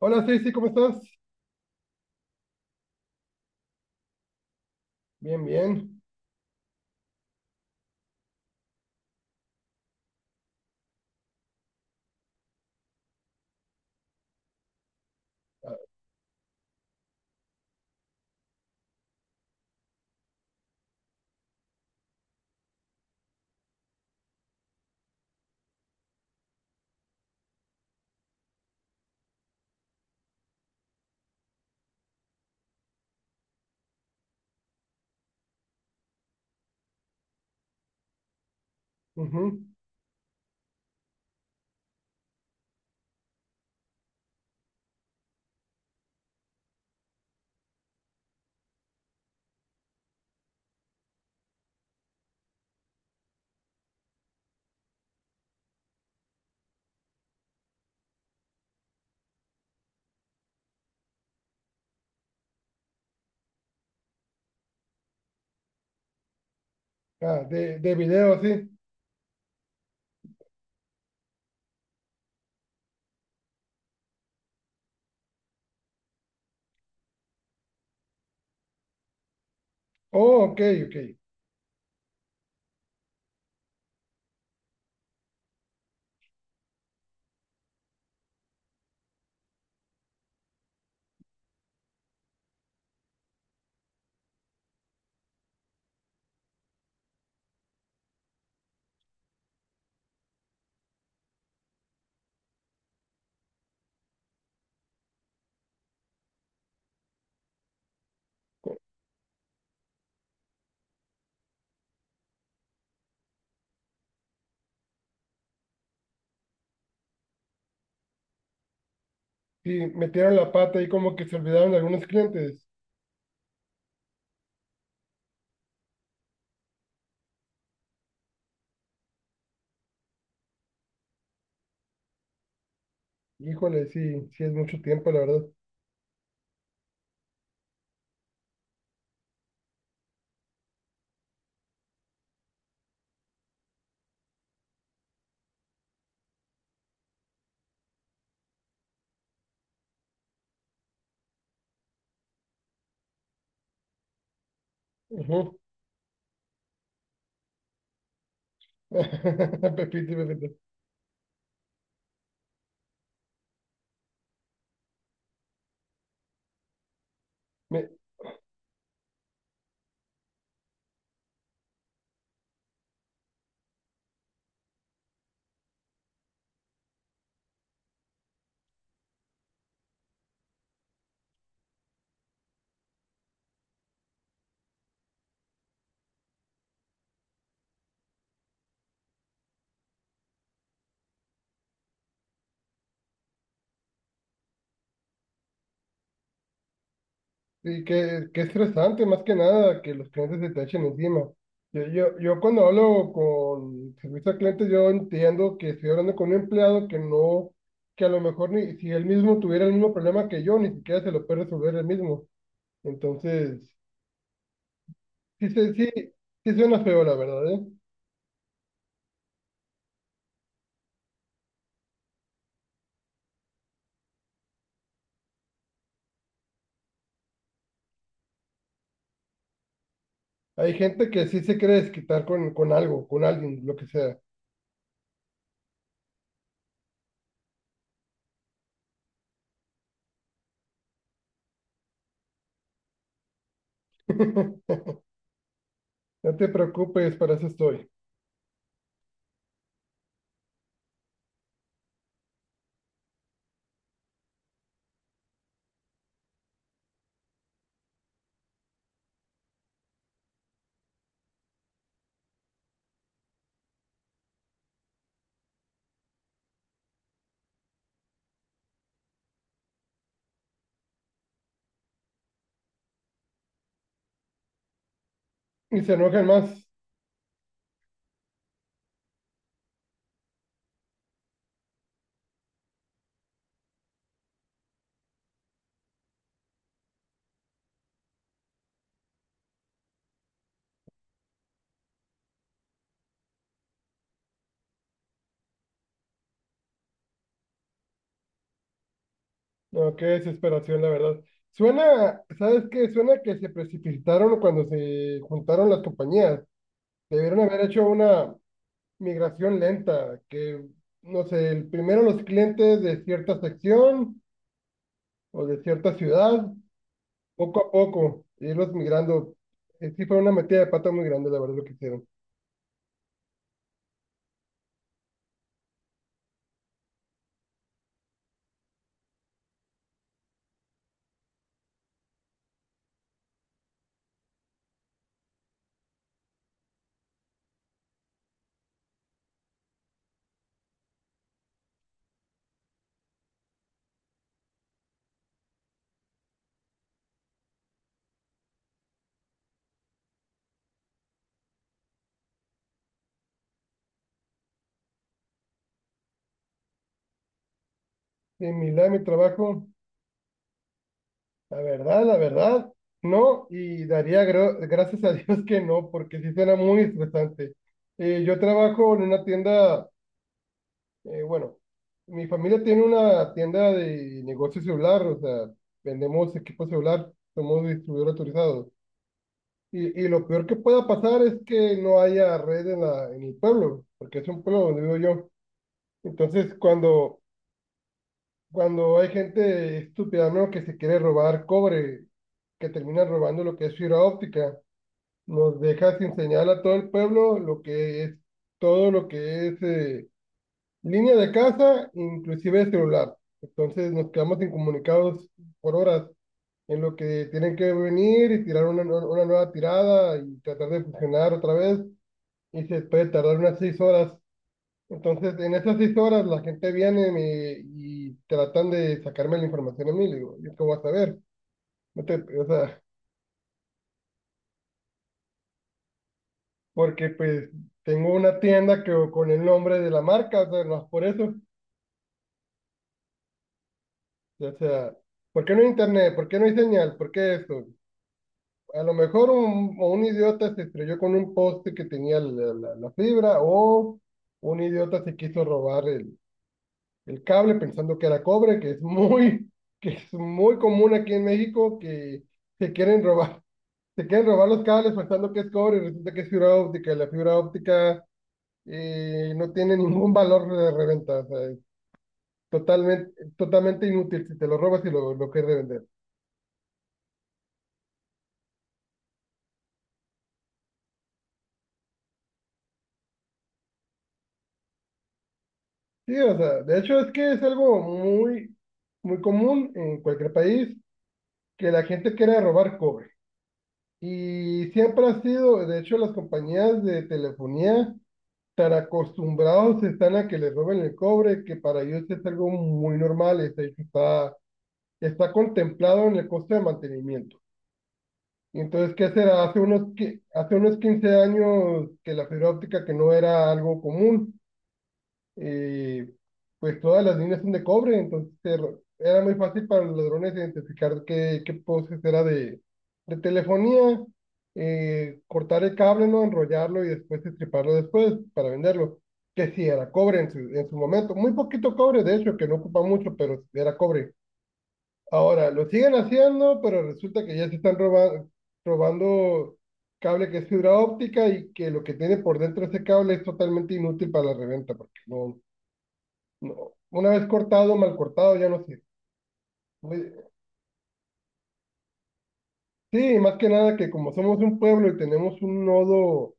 Hola, Stacy, ¿cómo estás? Bien, bien. Ah, ujú. Ah, de video, sí. Oh, ok, ok. Sí, metieron la pata y como que se olvidaron de algunos clientes. Híjole, sí, sí es mucho tiempo, la verdad. Ujú. Pepito, y pepito. Me- sí, qué, qué estresante, más que nada, que los clientes se te echen encima. Yo cuando hablo con servicio al cliente, yo entiendo que estoy hablando con un empleado que no, que a lo mejor ni si él mismo tuviera el mismo problema que yo, ni siquiera se lo puede resolver él mismo. Entonces, sí, sí, sí suena feo, la verdad, ¿eh? Hay gente que sí se quiere desquitar con algo, con alguien, lo que sea. No te preocupes, para eso estoy. Y se enojan más. No, qué desesperación, la verdad. Suena, ¿sabes qué? Suena que se precipitaron cuando se juntaron las compañías. Debieron haber hecho una migración lenta, que, no sé, primero los clientes de cierta sección o de cierta ciudad. Poco a poco, irlos migrando. Sí fue una metida de pata muy grande, la verdad, lo que hicieron. En mi lado de mi trabajo, la verdad, no. Y daría gracias a Dios que no, porque sí suena muy estresante. Yo trabajo en una tienda, bueno, mi familia tiene una tienda de negocio celular, o sea, vendemos equipo celular, somos distribuidor autorizados. Y lo peor que pueda pasar es que no haya red en, la, en el pueblo, porque es un pueblo donde vivo yo. Entonces, cuando, cuando hay gente estúpida, ¿no? Que se quiere robar cobre, que termina robando lo que es fibra óptica, nos deja sin señal a todo el pueblo, lo que es todo lo que es línea de casa, inclusive celular. Entonces nos quedamos incomunicados por horas en lo que tienen que venir y tirar una, una nueva tirada y tratar de funcionar otra vez, y se puede tardar unas 6 horas. Entonces, en esas 6 horas la gente viene y tratan de sacarme la información a mí. Le digo, ¿yo qué voy a saber? No te- O sea, porque pues tengo una tienda que, con el nombre de la marca, o sea, no es por eso. O sea, ¿por qué no hay internet? ¿Por qué no hay señal? ¿Por qué esto? A lo mejor un, o un idiota se estrelló con un poste que tenía la, la fibra, o un idiota se quiso robar el cable pensando que era cobre, que es muy, que es muy común aquí en México, que se quieren robar, se quieren robar los cables pensando que es cobre y resulta que es fibra óptica. Y la fibra óptica no tiene ningún valor de reventa, o sea, es totalmente, totalmente inútil si te lo robas y lo quieres revender. Sí, o sea, de hecho es que es algo muy, muy común en cualquier país que la gente quiera robar cobre. Y siempre ha sido, de hecho, las compañías de telefonía tan acostumbrados están a que les roben el cobre, que para ellos es algo muy normal, está, está contemplado en el costo de mantenimiento. Y entonces, ¿qué será? Hace unos, hace unos 15 años que la fibra óptica, que no era algo común, eh, pues todas las líneas son de cobre, entonces era muy fácil para los ladrones identificar qué, qué postes era de telefonía, cortar el cable, ¿no? Enrollarlo y después estriparlo después para venderlo, que sí era cobre en su momento, muy poquito cobre, de hecho, que no ocupa mucho, pero era cobre. Ahora, lo siguen haciendo, pero resulta que ya se están robando, robando cable que es fibra óptica, y que lo que tiene por dentro ese cable es totalmente inútil para la reventa, porque no, no, una vez cortado, mal cortado, ya no sirve. Oye, sí, más que nada que como somos un pueblo y tenemos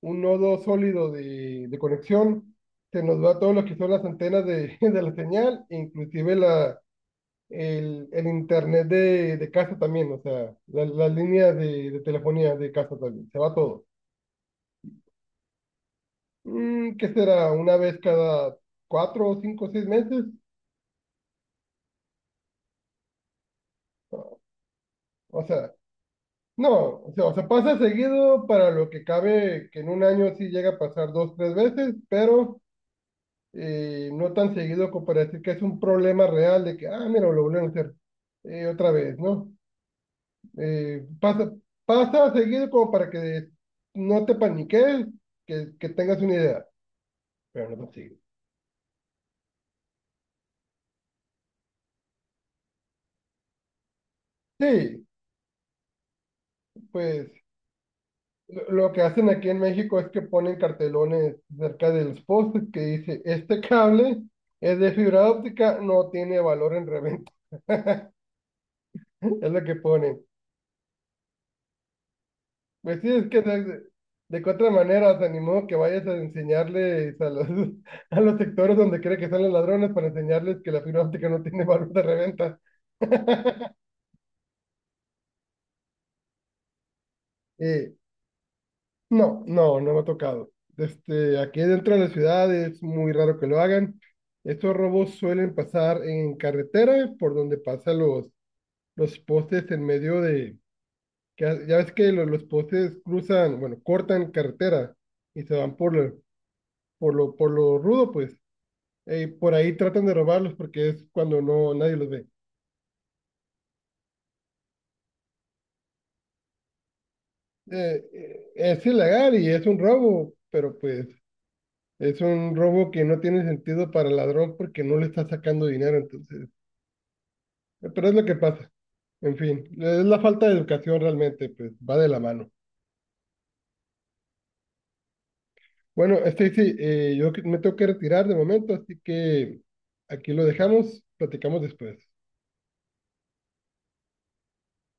un nodo sólido de conexión, se nos va todo lo que son las antenas de, de la señal, inclusive la, el internet de casa también, o sea, las líneas de telefonía de casa también, se va todo. Mm, ¿qué será? Una vez cada cuatro, cinco, seis meses, o sea. No, o sea, pasa seguido para lo que cabe, que en un año sí llega a pasar dos, tres veces, pero no tan seguido como para decir que es un problema real de que, ah, mira, lo volvieron a hacer otra vez, ¿no? Pasa, pasa seguido como para que no te paniques, que tengas una idea, pero no tan seguido. Sí, pues lo que hacen aquí en México es que ponen cartelones cerca de los postes que dice, este cable... Es de fibra óptica, no tiene valor en reventa. Es lo que pone. Pues sí, es que de qué otra manera, se animó que vayas a enseñarles a los, a los sectores donde cree que están los ladrones para enseñarles que la fibra óptica no tiene valor de reventa. Eh, no, no, no me ha tocado. Este, aquí dentro de la ciudad es muy raro que lo hagan. Estos robos suelen pasar en carretera, por donde pasan los postes en medio de... que ya ya ves que los postes cruzan, bueno, cortan carretera y se van por, por lo rudo, pues. Por ahí tratan de robarlos porque es cuando no nadie los ve. Es ilegal y es un robo, pero pues es un robo que no tiene sentido para el ladrón porque no le está sacando dinero, entonces. Pero es lo que pasa. En fin, es la falta de educación realmente, pues va de la mano. Bueno, Stacy, yo me tengo que retirar de momento, así que aquí lo dejamos, platicamos después.